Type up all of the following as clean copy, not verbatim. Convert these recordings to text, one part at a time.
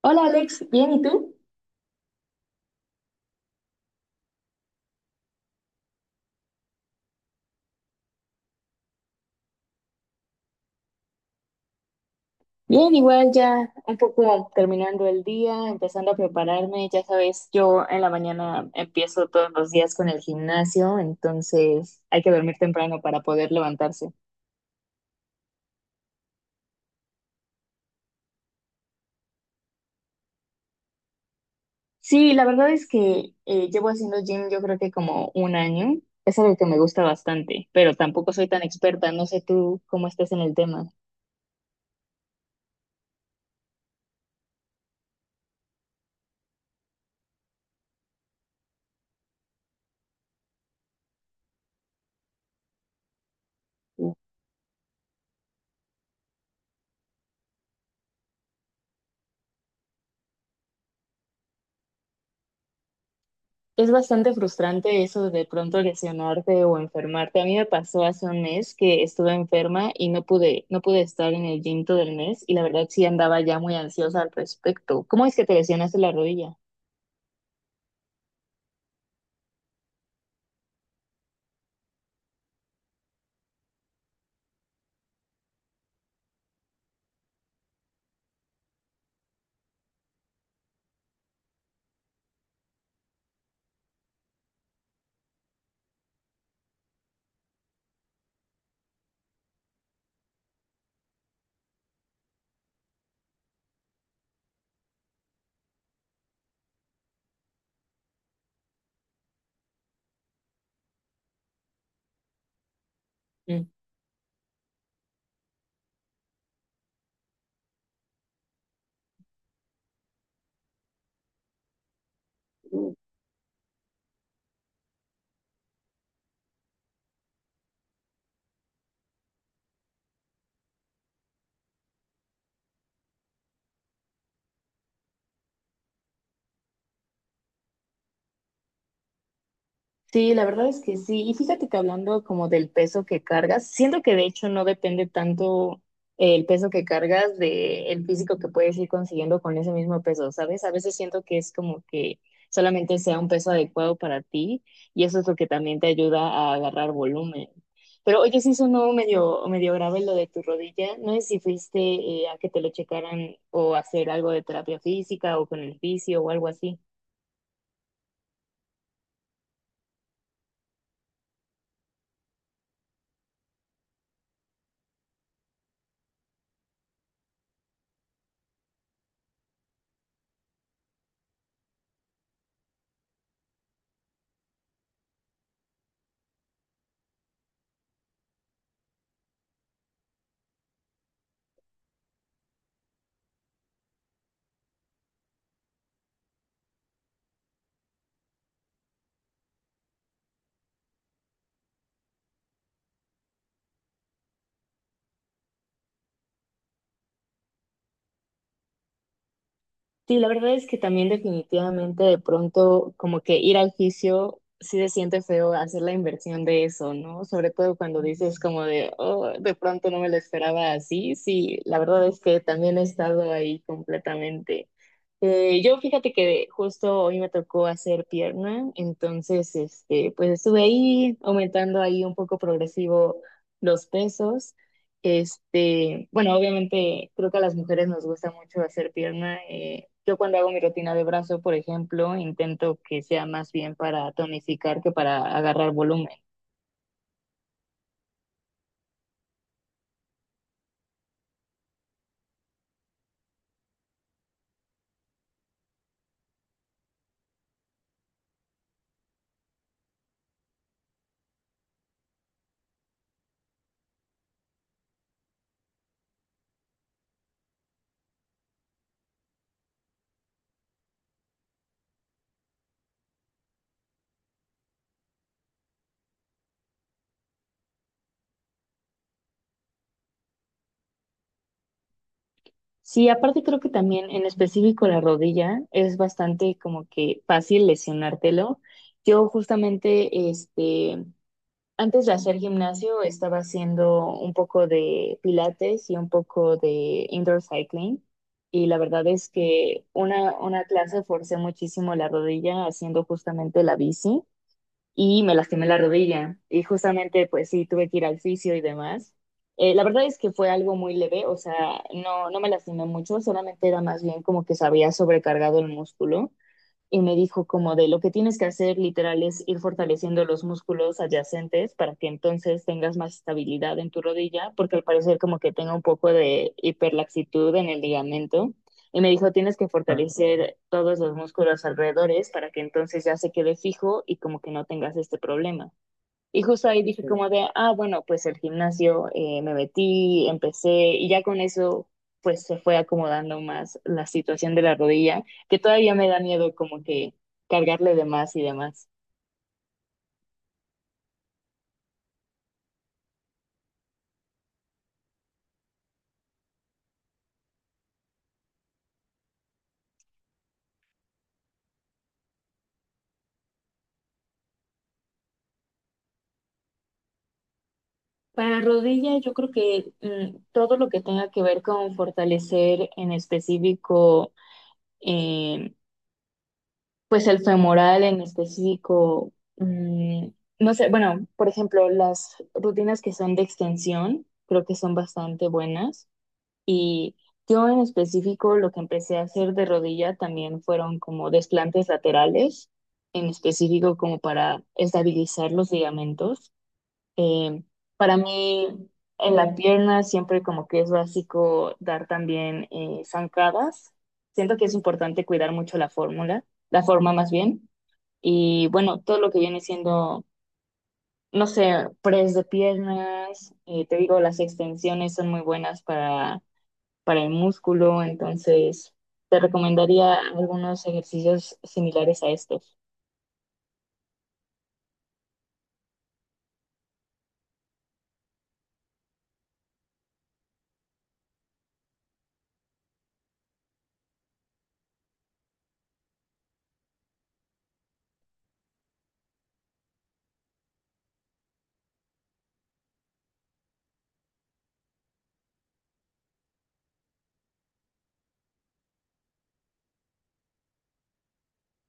Hola Alex, ¿bien y tú? Bien, igual ya un poco terminando el día, empezando a prepararme. Ya sabes, yo en la mañana empiezo todos los días con el gimnasio, entonces hay que dormir temprano para poder levantarse. Sí, la verdad es que llevo haciendo gym yo creo que como un año. Es algo que me gusta bastante, pero tampoco soy tan experta. No sé tú cómo estés en el tema. Es bastante frustrante eso de pronto lesionarte o enfermarte. A mí me pasó hace un mes que estuve enferma y no pude estar en el gym todo el mes y la verdad sí andaba ya muy ansiosa al respecto. ¿Cómo es que te lesionaste la rodilla? Mm. Sí, la verdad es que sí. Y fíjate que hablando como del peso que cargas, siento que de hecho no depende tanto el peso que cargas de el físico que puedes ir consiguiendo con ese mismo peso, ¿sabes? A veces siento que es como que solamente sea un peso adecuado para ti y eso es lo que también te ayuda a agarrar volumen. Pero oye, sí sonó medio, medio grave lo de tu rodilla. No sé si fuiste a que te lo checaran o a hacer algo de terapia física o con el fisio o algo así. Sí, la verdad es que también definitivamente de pronto como que ir al fisio sí se siente feo hacer la inversión de eso, ¿no? Sobre todo cuando dices como de, oh, de pronto no me lo esperaba así. Sí, la verdad es que también he estado ahí completamente. Yo fíjate que justo hoy me tocó hacer pierna, entonces este, pues estuve ahí aumentando ahí un poco progresivo los pesos. Este, bueno, obviamente creo que a las mujeres nos gusta mucho hacer pierna. Yo cuando hago mi rutina de brazo, por ejemplo, intento que sea más bien para tonificar que para agarrar volumen. Sí, aparte creo que también en específico la rodilla es bastante como que fácil lesionártelo. Yo justamente, este, antes de hacer gimnasio estaba haciendo un poco de pilates y un poco de indoor cycling y la verdad es que una clase forcé muchísimo la rodilla haciendo justamente la bici y me lastimé la rodilla y justamente pues sí tuve que ir al fisio y demás. La verdad es que fue algo muy leve, o sea, no, no me lastimé mucho, solamente era más bien como que se había sobrecargado el músculo y me dijo como de lo que tienes que hacer literal es ir fortaleciendo los músculos adyacentes para que entonces tengas más estabilidad en tu rodilla, porque al parecer como que tenga un poco de hiperlaxitud en el ligamento. Y me dijo, tienes que fortalecer todos los músculos alrededores para que entonces ya se quede fijo y como que no tengas este problema. Y justo ahí dije como de, ah, bueno, pues el gimnasio, me metí, empecé y ya con eso pues se fue acomodando más la situación de la rodilla, que todavía me da miedo como que cargarle de más y demás. Para la rodilla yo creo que mm, todo lo que tenga que ver con fortalecer en específico, eh, pues el femoral en específico, mm, no sé, bueno, por ejemplo, las rutinas que son de extensión, creo que son bastante buenas. Y yo en específico lo que empecé a hacer de rodilla también fueron como desplantes laterales, en específico como para estabilizar los ligamentos. Eh, para mí en la pierna siempre como que es básico dar también zancadas. Siento que es importante cuidar mucho la fórmula, la forma más bien. Y bueno, todo lo que viene siendo, no sé, press de piernas, te digo, las extensiones son muy buenas para el músculo, entonces te recomendaría algunos ejercicios similares a estos.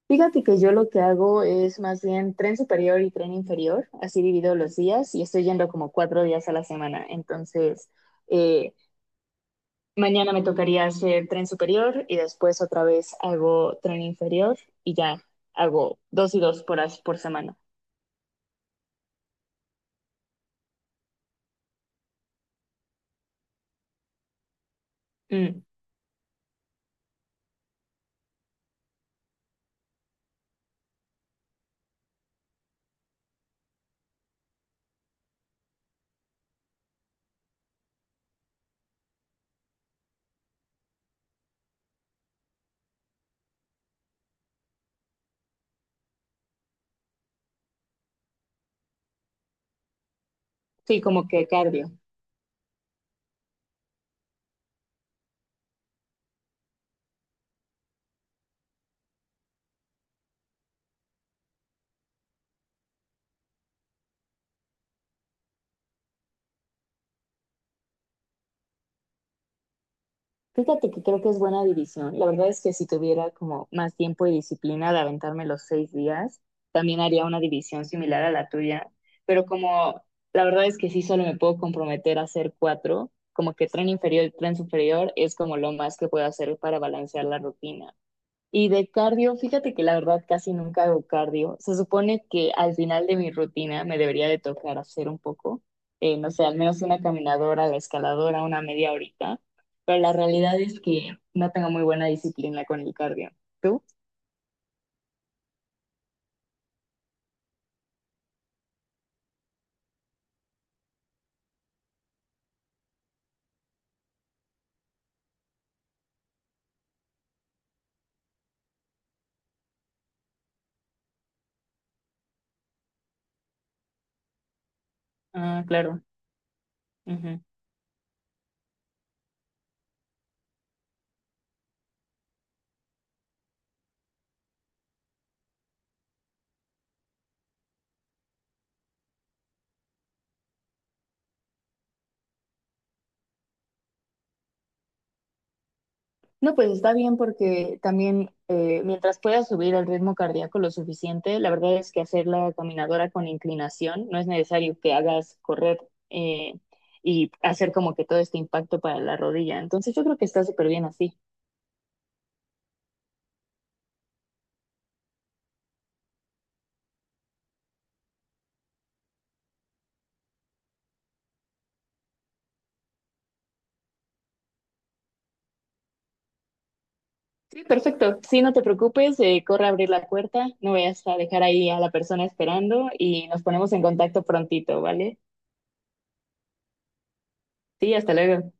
Fíjate que yo lo que hago es más bien tren superior y tren inferior, así divido los días y estoy yendo como cuatro días a la semana. Entonces, eh, mañana me tocaría hacer tren superior y después otra vez hago tren inferior y ya hago dos y dos por, as- por semana. Mm, sí, como que cardio. Fíjate que creo que es buena división. La verdad es que si tuviera como más tiempo y disciplina de aventarme los seis días, también haría una división similar a la tuya. Pero como la verdad es que sí solo me puedo comprometer a hacer cuatro, como que tren inferior y tren superior es como lo más que puedo hacer para balancear la rutina. Y de cardio, fíjate que la verdad casi nunca hago cardio. Se supone que al final de mi rutina me debería de tocar hacer un poco, no sé, al menos una caminadora, la escaladora, una media horita, pero la realidad es que no tengo muy buena disciplina con el cardio. ¿Tú? Ah, claro. No, pues está bien porque también mientras puedas subir el ritmo cardíaco lo suficiente, la verdad es que hacer la caminadora con inclinación no es necesario que hagas correr eh, y hacer como que todo este impacto para la rodilla. Entonces yo creo que está súper bien así. Sí, perfecto. Sí, no te preocupes, corre a abrir la puerta, no vayas a dejar ahí a la persona esperando y nos ponemos en contacto prontito, ¿vale? Sí, hasta luego.